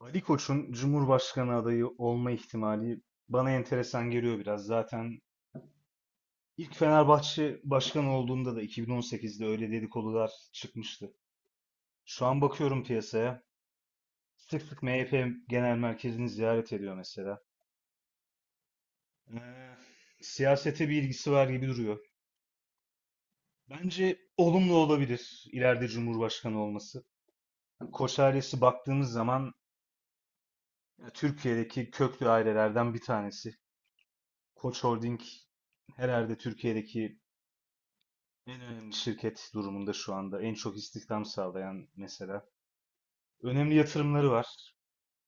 Ali Koç'un Cumhurbaşkanı adayı olma ihtimali bana enteresan geliyor biraz. Zaten ilk Fenerbahçe başkanı olduğunda da 2018'de öyle dedikodular çıkmıştı. Şu an bakıyorum piyasaya. Sık sık MHP Genel Merkezi'ni ziyaret ediyor mesela. Ee, siyasete bir ilgisi var gibi duruyor. Bence olumlu olabilir ileride Cumhurbaşkanı olması. Koç ailesi baktığımız zaman ya, Türkiye'deki köklü ailelerden bir tanesi. Koç Holding herhalde Türkiye'deki en önemli şirket durumunda şu anda en çok istihdam sağlayan mesela. Önemli yatırımları var.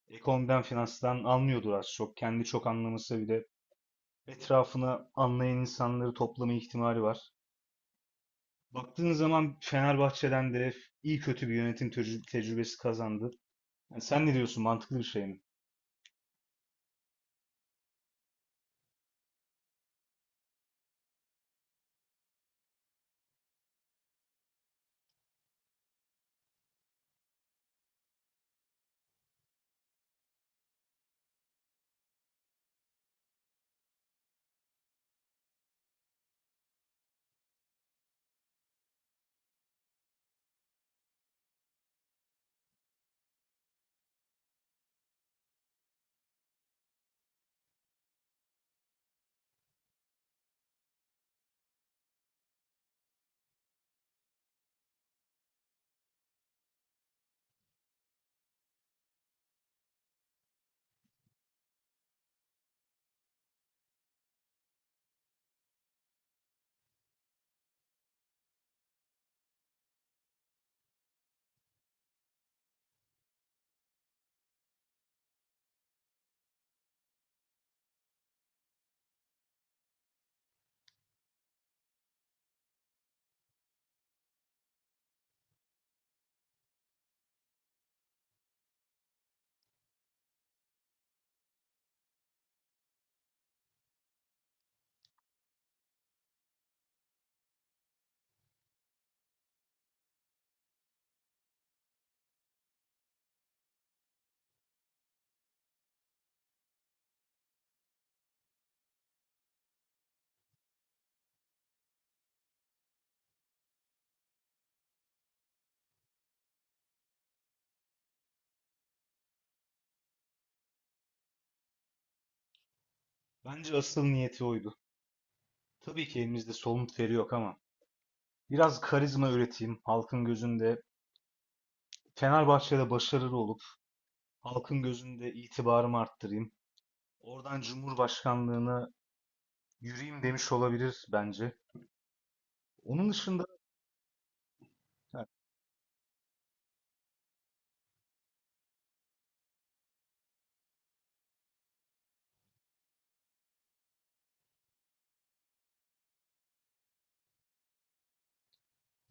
Ekonomiden, finanstan anlıyordur az çok. Kendi çok anlamasa bile etrafına anlayan insanları toplama ihtimali var. Baktığın zaman Fenerbahçe'den de iyi kötü bir yönetim tecrübesi kazandı. Yani sen ne diyorsun? Mantıklı bir şey mi? Bence asıl niyeti oydu. Tabii ki elimizde somut veri yok ama biraz karizma üreteyim halkın gözünde. Fenerbahçe'de başarılı olup halkın gözünde itibarımı arttırayım. Oradan Cumhurbaşkanlığına yürüyeyim demiş olabilir bence. Onun dışında ha,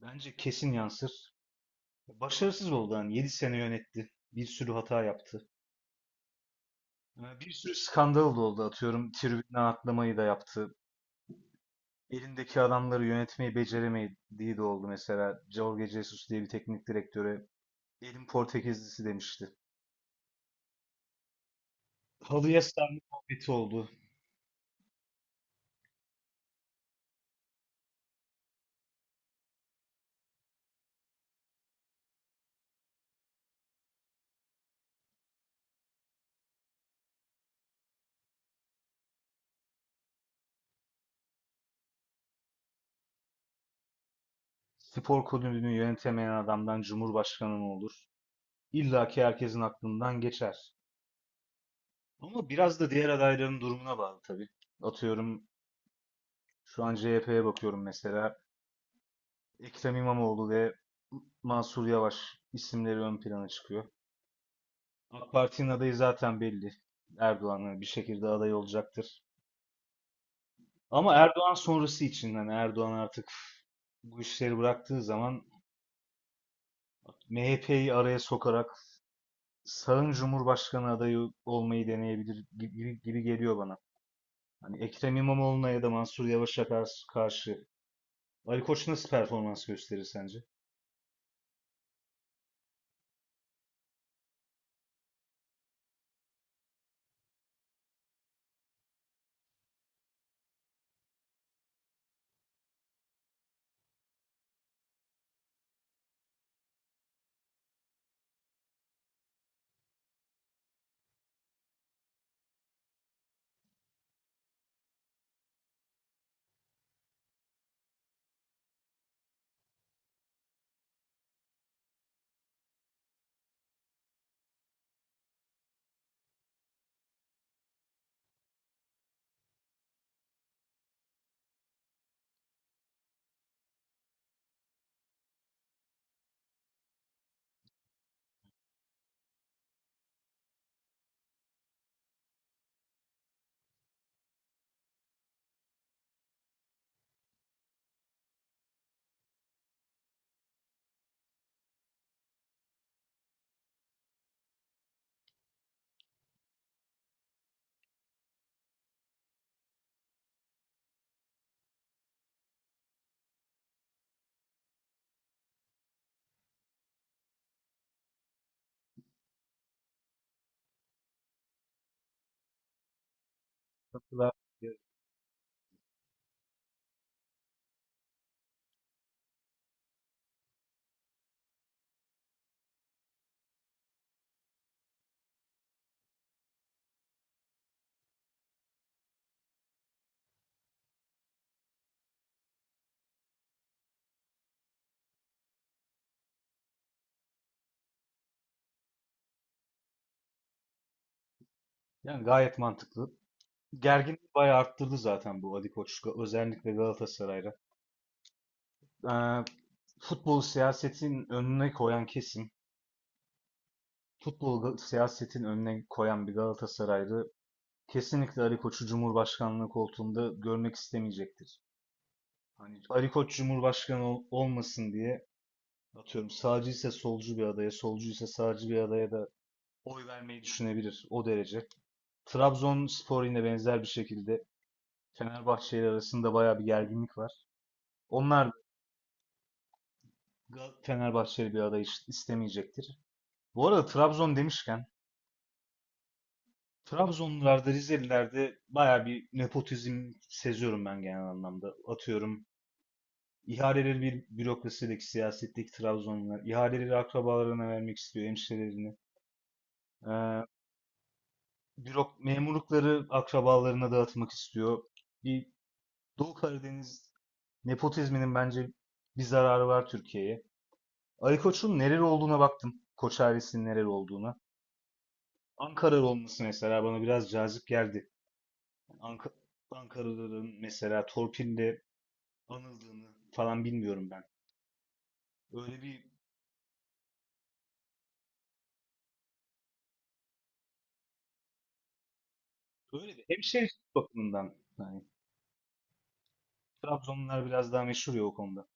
bence kesin yansır. Başarısız oldu hani 7 sene yönetti. Bir sürü hata yaptı. Bir sürü skandal da oldu atıyorum. Tribüne atlamayı da yaptı. Elindeki adamları yönetmeyi beceremediği de oldu mesela. Jorge Jesus diye bir teknik direktöre elin Portekizlisi demişti. Halıya sarma muhabbeti oldu. Spor kulübünü yönetemeyen adamdan cumhurbaşkanı mı olur? İlla ki herkesin aklından geçer. Ama biraz da diğer adayların durumuna bağlı tabii. Atıyorum şu an CHP'ye bakıyorum mesela. Ekrem İmamoğlu ve Mansur Yavaş isimleri ön plana çıkıyor. AK Parti'nin adayı zaten belli. Erdoğan'ın bir şekilde aday olacaktır. Ama Erdoğan sonrası için yani Erdoğan artık bu işleri bıraktığı zaman MHP'yi araya sokarak sağın Cumhurbaşkanı adayı olmayı deneyebilir gibi geliyor bana. Hani Ekrem İmamoğlu'na ya da Mansur Yavaş'a karşı, Ali Koç nasıl performans gösterir sence? Katılar- Yani gayet mantıklı. Gerginliği bayağı arttırdı zaten bu Ali Koç, özellikle Galatasaray'da. Ee, futbolu siyasetin önüne koyan kesim, siyasetin önüne koyan bir Galatasaraylı kesinlikle Ali Koç'u Cumhurbaşkanlığı koltuğunda görmek istemeyecektir. Hani Ali Koç Cumhurbaşkanı olmasın diye atıyorum sağcı ise solcu bir adaya, solcu ise sağcı bir adaya da oy vermeyi düşünebilir o derece. Trabzonspor yine benzer bir şekilde Fenerbahçe ile arasında bayağı bir gerginlik var. Onlar da Fenerbahçeli bir aday istemeyecektir. Bu arada Trabzon demişken Trabzonlularda, Rizelilerde bayağı bir nepotizm seziyorum ben genel anlamda. Atıyorum ihaleleri bir bürokrasideki siyasetteki Trabzonlular ihaleleri akrabalarına vermek istiyor, hemşirelerini. Ee, memurlukları akrabalarına dağıtmak istiyor. Bir Doğu Karadeniz nepotizminin bence bir zararı var Türkiye'ye. Ali Koç'un nereli olduğuna baktım. Koç ailesinin nereli olduğuna. Ankaralı olması mesela bana biraz cazip geldi. Ank- Ankaralıların mesela torpille anıldığını falan bilmiyorum ben. Öyle bir öyle bir hemşehrilik bakımından yani Trabzonlular biraz daha meşhur ya o konuda.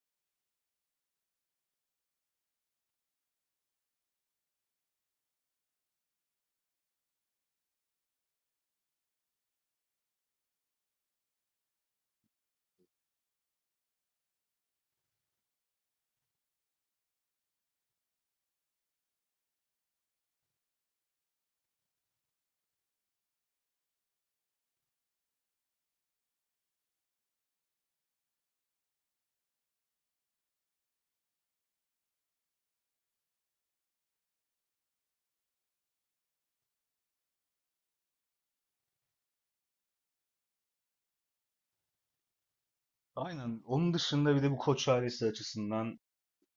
Aynen. Onun dışında bir de bu Koç ailesi açısından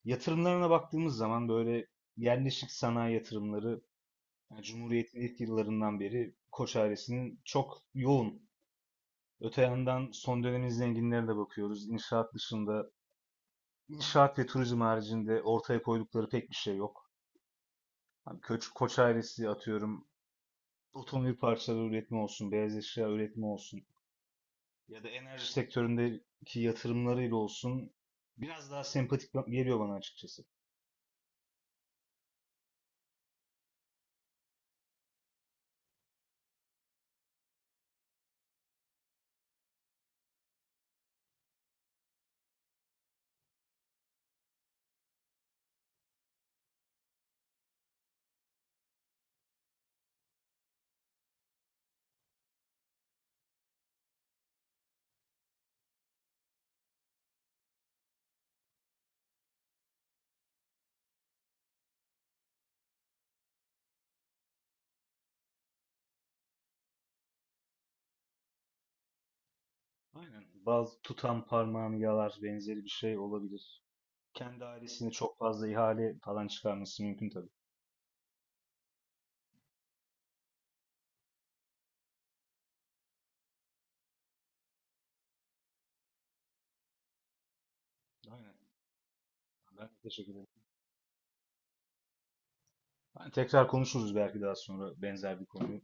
yatırımlarına baktığımız zaman böyle yerleşik sanayi yatırımları yani Cumhuriyet'in ilk yıllarından beri Koç ailesinin çok yoğun. Öte yandan son dönemin zenginlerine de bakıyoruz. İnşaat dışında, inşaat ve turizm haricinde ortaya koydukları pek bir şey yok. Hani Koç ailesi atıyorum otomobil parçaları üretimi olsun, beyaz eşya üretimi olsun ya da enerji sektöründeki yatırımlarıyla olsun biraz daha sempatik geliyor bana açıkçası. Aynen. Bazı tutan parmağını yalar benzeri bir şey olabilir. Kendi ailesini çok fazla ihale falan çıkarması mümkün tabii. Aynen. Ben teşekkür ederim. Yani tekrar konuşuruz belki daha sonra benzer bir konuyu.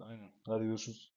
Aynen. Hadi görüşürüz.